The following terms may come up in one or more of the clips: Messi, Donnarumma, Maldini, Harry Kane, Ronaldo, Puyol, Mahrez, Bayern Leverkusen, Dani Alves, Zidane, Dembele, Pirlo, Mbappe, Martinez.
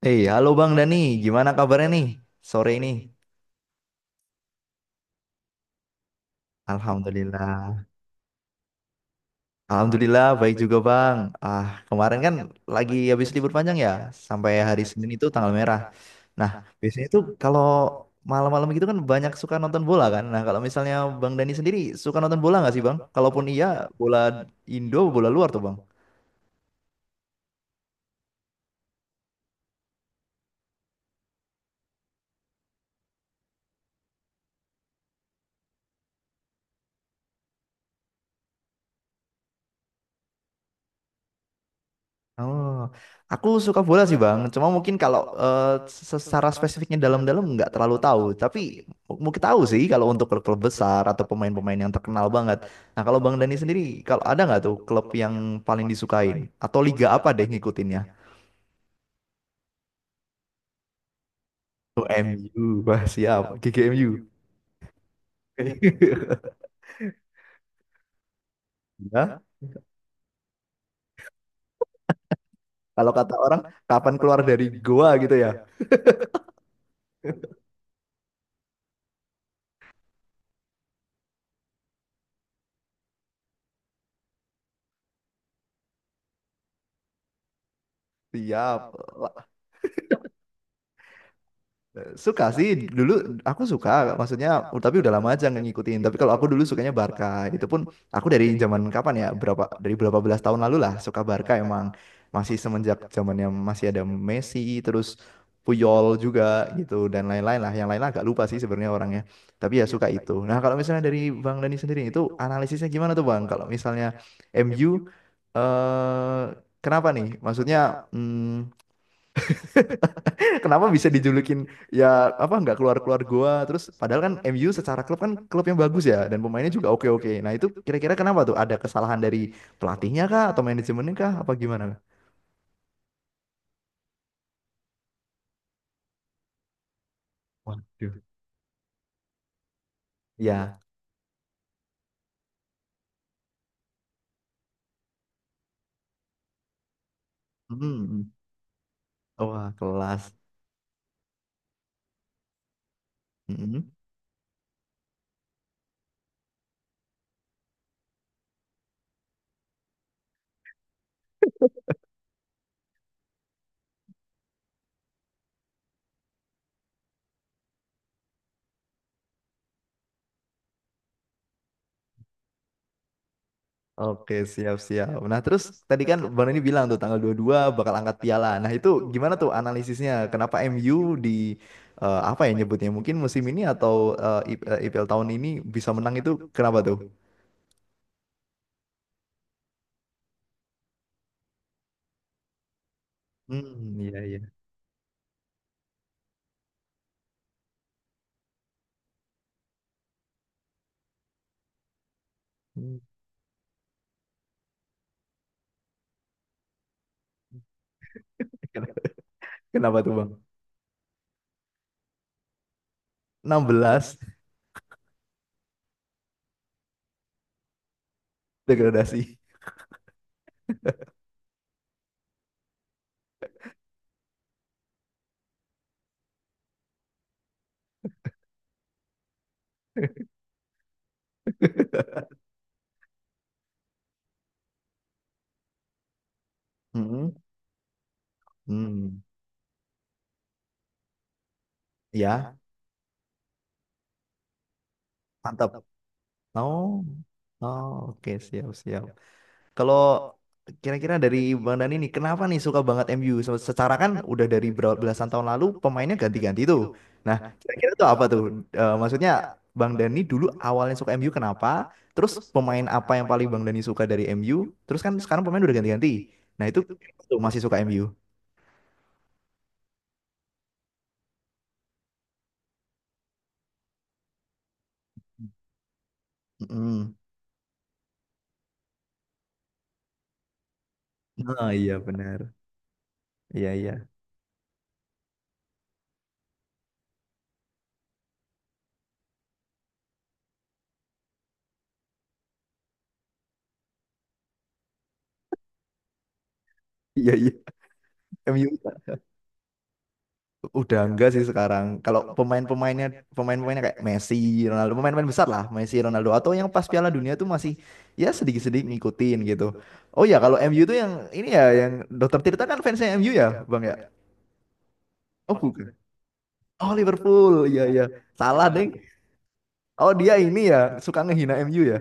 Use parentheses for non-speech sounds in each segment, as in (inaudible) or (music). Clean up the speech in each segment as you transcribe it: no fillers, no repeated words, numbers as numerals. Eh, halo Bang Dani, gimana kabarnya nih sore ini? Alhamdulillah, Alhamdulillah baik juga Bang. Ah, kemarin kan lagi habis libur panjang ya, sampai hari Senin itu tanggal merah. Nah, biasanya tuh kalau malam-malam gitu kan banyak suka nonton bola kan. Nah, kalau misalnya Bang Dani sendiri suka nonton bola nggak sih Bang? Kalaupun iya, bola Indo, bola luar tuh Bang. Oh, aku suka bola sih Bang. Cuma mungkin kalau secara spesifiknya dalam-dalam nggak terlalu tahu. Tapi mungkin tahu sih kalau untuk klub-klub besar atau pemain-pemain yang terkenal banget. Nah kalau Bang Dani sendiri, kalau ada nggak tuh klub yang paling disukain? Atau liga apa deh ngikutinnya? Oh, MU, wah siap, GGMU. (laughs) Ya, kalau kata orang, kapan keluar dari goa gitu ya? Siap. Suka sih dulu aku suka maksudnya tapi udah lama aja nggak ngikutin tapi kalau aku dulu sukanya Barca itu pun aku dari zaman kapan ya berapa dari berapa belas tahun lalu lah suka Barca emang masih semenjak zamannya masih ada Messi terus Puyol juga gitu dan lain-lain lah yang lain lah agak lupa sih sebenarnya orangnya tapi ya suka itu nah kalau misalnya dari Bang Dani sendiri itu analisisnya gimana tuh Bang kalau misalnya MU eh kenapa nih maksudnya hmm, Kenapa bisa dijulukin ya apa nggak keluar-keluar gua terus padahal kan MU secara klub kan klub yang bagus ya dan pemainnya juga oke-oke. Nah, itu kira-kira kenapa tuh? Ada kesalahan dari pelatihnya kah atau manajemennya kah apa gimana? Waduh. Ya. Hmm. Wah, kelas. Hmm. Oke, siap-siap. Nah, terus tadi kan Bang ini bilang tuh tanggal 22 bakal angkat piala. Nah, itu gimana tuh analisisnya? Kenapa MU di apa ya nyebutnya? Mungkin musim ini atau IPL tahun ini bisa menang itu kenapa tuh? Hmm, iya iya. Hmm. Ken- (laughs) Kenapa tuh Bang? 16 degradasi. (laughs) Hmm. Hmm. Ya, mantap. Oh. Oh, oke siap siap. Kalau kira-kira dari Bang Dani nih, kenapa nih suka banget MU? Secara kan udah dari belasan tahun lalu pemainnya ganti-ganti tuh. Nah, kira-kira tuh apa tuh? Maksudnya Bang Dani dulu awalnya suka MU kenapa? Terus pemain apa yang paling Bang Dani suka dari MU? Terus kan sekarang pemain udah ganti-ganti. Nah, itu tuh masih suka MU. Mm-mm. Nah, iya benar. Iya iya. Iya iya. MU udah enggak sih sekarang. Kalau pemain-pemainnya kayak Messi, Ronaldo, pemain-pemain besar lah, Messi, Ronaldo atau yang pas Piala Dunia tuh masih ya sedikit-sedikit ngikutin gitu. Oh ya, kalau MU tuh yang ini ya yang Dokter Tirta kan fansnya MU ya, Bang ya? Oh bukan. Oh Liverpool. Iya iya. Salah deh. Oh dia ini ya suka ngehina MU ya.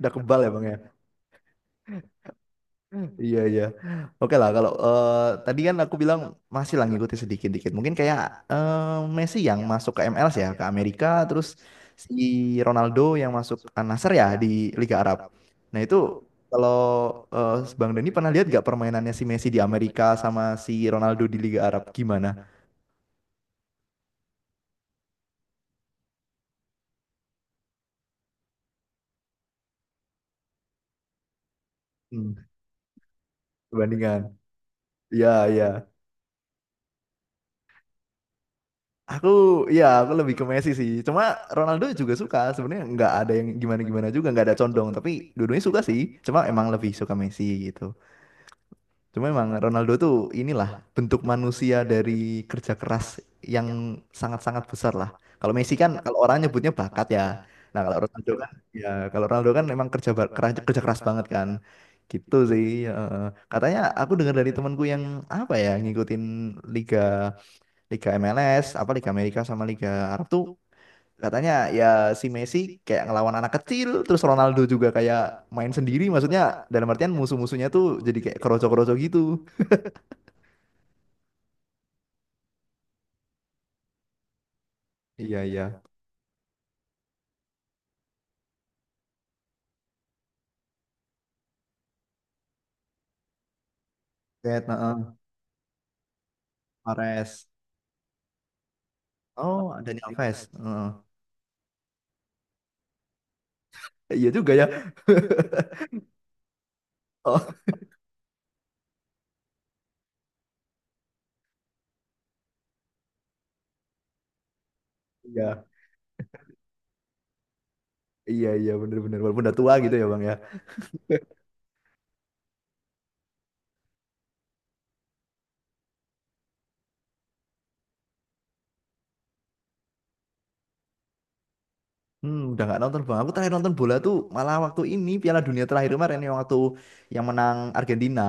Udah kebal ya, Bang ya. Iya iya. Oke lah kalau tadi kan aku bilang masih lah ngikutin sedikit-dikit. Mungkin kayak Messi yang masuk ke MLS ya ke Amerika, terus si Ronaldo yang masuk ke Al-Nassr ya di Liga Arab. Nah itu kalau eh, Bang Dani pernah lihat gak permainannya si Messi di Amerika sama si Ronaldo di Liga Arab gimana? Hmm, perbandingan. Iya iya. Aku aku lebih ke Messi sih. Cuma Ronaldo juga suka. Sebenarnya nggak ada yang gimana-gimana juga, nggak ada condong. Tapi dua-duanya suka sih. Cuma emang lebih suka Messi gitu. Cuma emang Ronaldo tuh inilah bentuk manusia dari kerja keras yang sangat-sangat besar lah. Kalau Messi kan kalau orang nyebutnya bakat ya. Nah kalau Ronaldo kan emang kerja keras banget kan. Gitu sih. eh. Katanya aku dengar dari temanku yang apa ya ngikutin liga Liga MLS, apa Liga Amerika sama Liga Arab tuh katanya ya si Messi kayak ngelawan anak kecil, terus Ronaldo juga kayak main sendiri, maksudnya dalam artian musuh-musuhnya tuh jadi kayak kroco-kroco gitu. Iya iya. Kayak heeh, Mahrez. Oh, Dani Alves. Heeh. Iya juga ya. (laughs) Oh iya, iya iya bener-bener walaupun udah tua gitu ya bang ya. Udah nggak nonton bang. Aku terakhir nonton bola tuh malah waktu ini Piala Dunia terakhir kemarin yang waktu yang menang Argentina.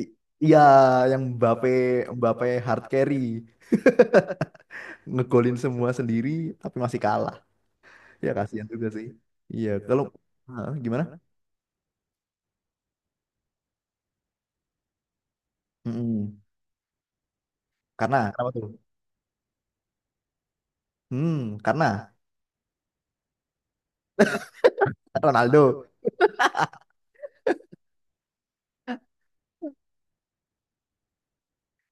I- Iya, yang Mbappe Mbappe hard carry ngegolin semua sendiri tapi masih kalah. Ya kasihan juga sih. Iya, kalau Hah, gimana? Mm-mm. Karena kenapa tuh? Hmm, karena Ronaldo,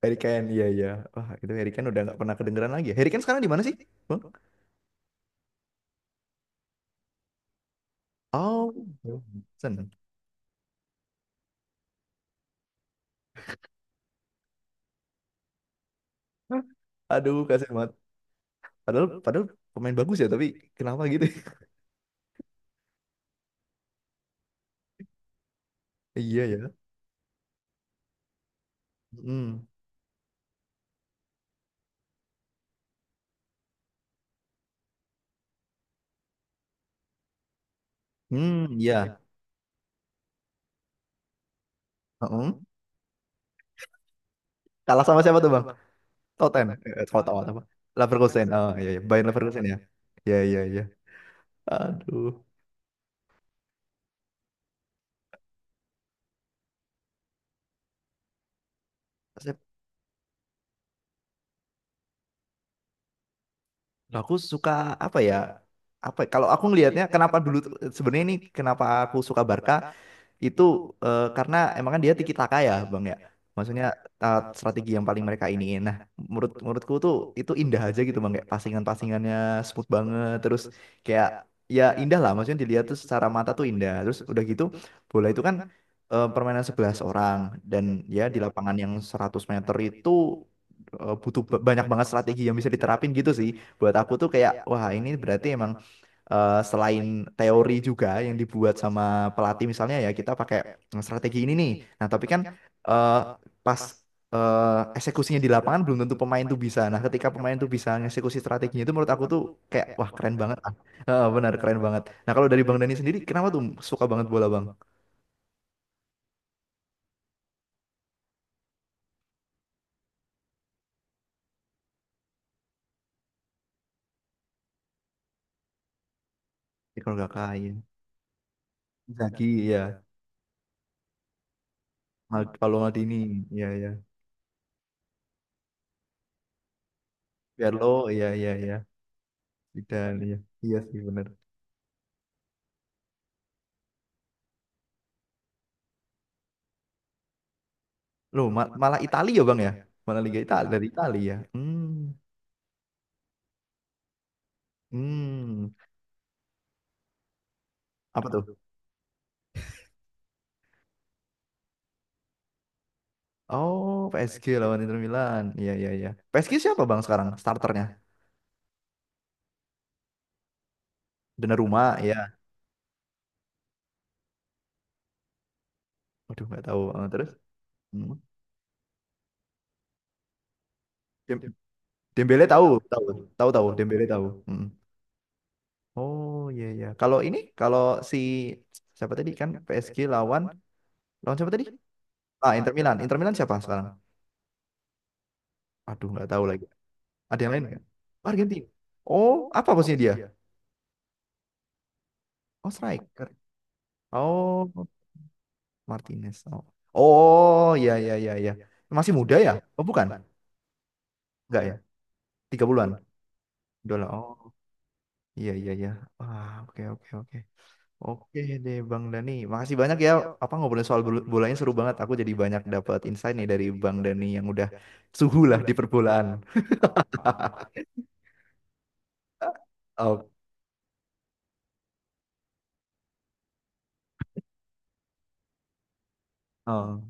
Harry Kane. Iya, iya. Wah, itu Harry Kane udah nggak pernah kedengeran lagi. Ya. Harry Kane sekarang di mana sih, Bang? Oh, Johnson. Hah? Aduh, kasihan banget. Padahal padahal pemain bagus ya, tapi kenapa gitu? (laughs) Iya ya. Hmm. Hmm, iya. Heeh. Kalah sama siapa tuh, Bang? Toten, Tot apa? Leverkusen, oh iya, iya. Bayern Leverkusen ya. Iya, iya, iya. Aduh. Nah, aku suka apa ya? Apa ya, kalau aku ngelihatnya kenapa dulu sebenarnya ini kenapa aku suka Barca itu karena emang kan dia tiki taka ya, Bang ya. Maksudnya strategi yang paling mereka ini. Nah, menurutku tuh itu indah aja gitu, Bang. Kayak pasingan-pasingannya smooth banget terus kayak ya indah lah maksudnya dilihat tuh secara mata tuh indah. Terus udah gitu bola itu kan permainan 11 orang dan ya di lapangan yang 100 meter itu butuh banyak banget strategi yang bisa diterapin gitu sih buat aku tuh kayak wah ini berarti emang selain teori juga yang dibuat sama pelatih misalnya ya kita pakai strategi ini nih. Nah, tapi kan eh, pas eksekusinya di lapangan belum tentu pemain tuh bisa. Nah, ketika pemain tuh bisa ngeksekusi strateginya itu menurut aku tuh kayak wah keren banget. Ah. Heeh, benar keren banget. Nah, kalau dari Bang Dani sendiri kenapa tuh suka banget bola, Bang? Ya, kalau gak kain. Lagi ya. Kalau Maldini, ya ya. Pirlo, ya ya ya. Zidane, ya. Iya sih benar. Loh, malah Italia ya Bang ya? Malah Liga Italia dari Italia ya. Hmm. Hmm. Apa tuh? Oh, PSG lawan Inter Milan. Iya, iya, iya. PSG siapa Bang sekarang starternya? Donnarumma ya. Waduh, nggak tahu. Terus? Hmm. Dem- Dembele tahu, tahu. Tahu tahu Dembele tahu. Hmm. Oh, iya iya. Kalau ini kalau si siapa tadi kan PSG lawan lawan siapa tadi? Ah, Inter Milan. Inter Milan siapa sekarang? Aduh, nggak tahu lagi. Ada yang lain nggak? Argentina. Oh, apa posisinya dia? Oh, striker. Oh. Martinez. Oh, oh ya, ya, iya iya. Masih muda ya? Oh bukan, enggak ya? 30-an. Udah. Oh, iya iya iya. Wah oke oke oke. Oke deh Bang Dani. Makasih banyak ya. Apa ngobrolin soal bolanya seru banget. Aku jadi banyak dapat insight nih dari Bang Dani yang udah suhu lah di perbolaan. Oh, oh.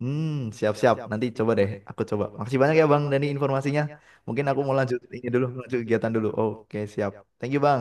Hmm, siap-siap. Nanti coba deh. Aku coba. Makasih banyak ya Bang Dani informasinya. Mungkin aku mau lanjut ini dulu, lanjut kegiatan dulu. Oke, siap. Thank you Bang.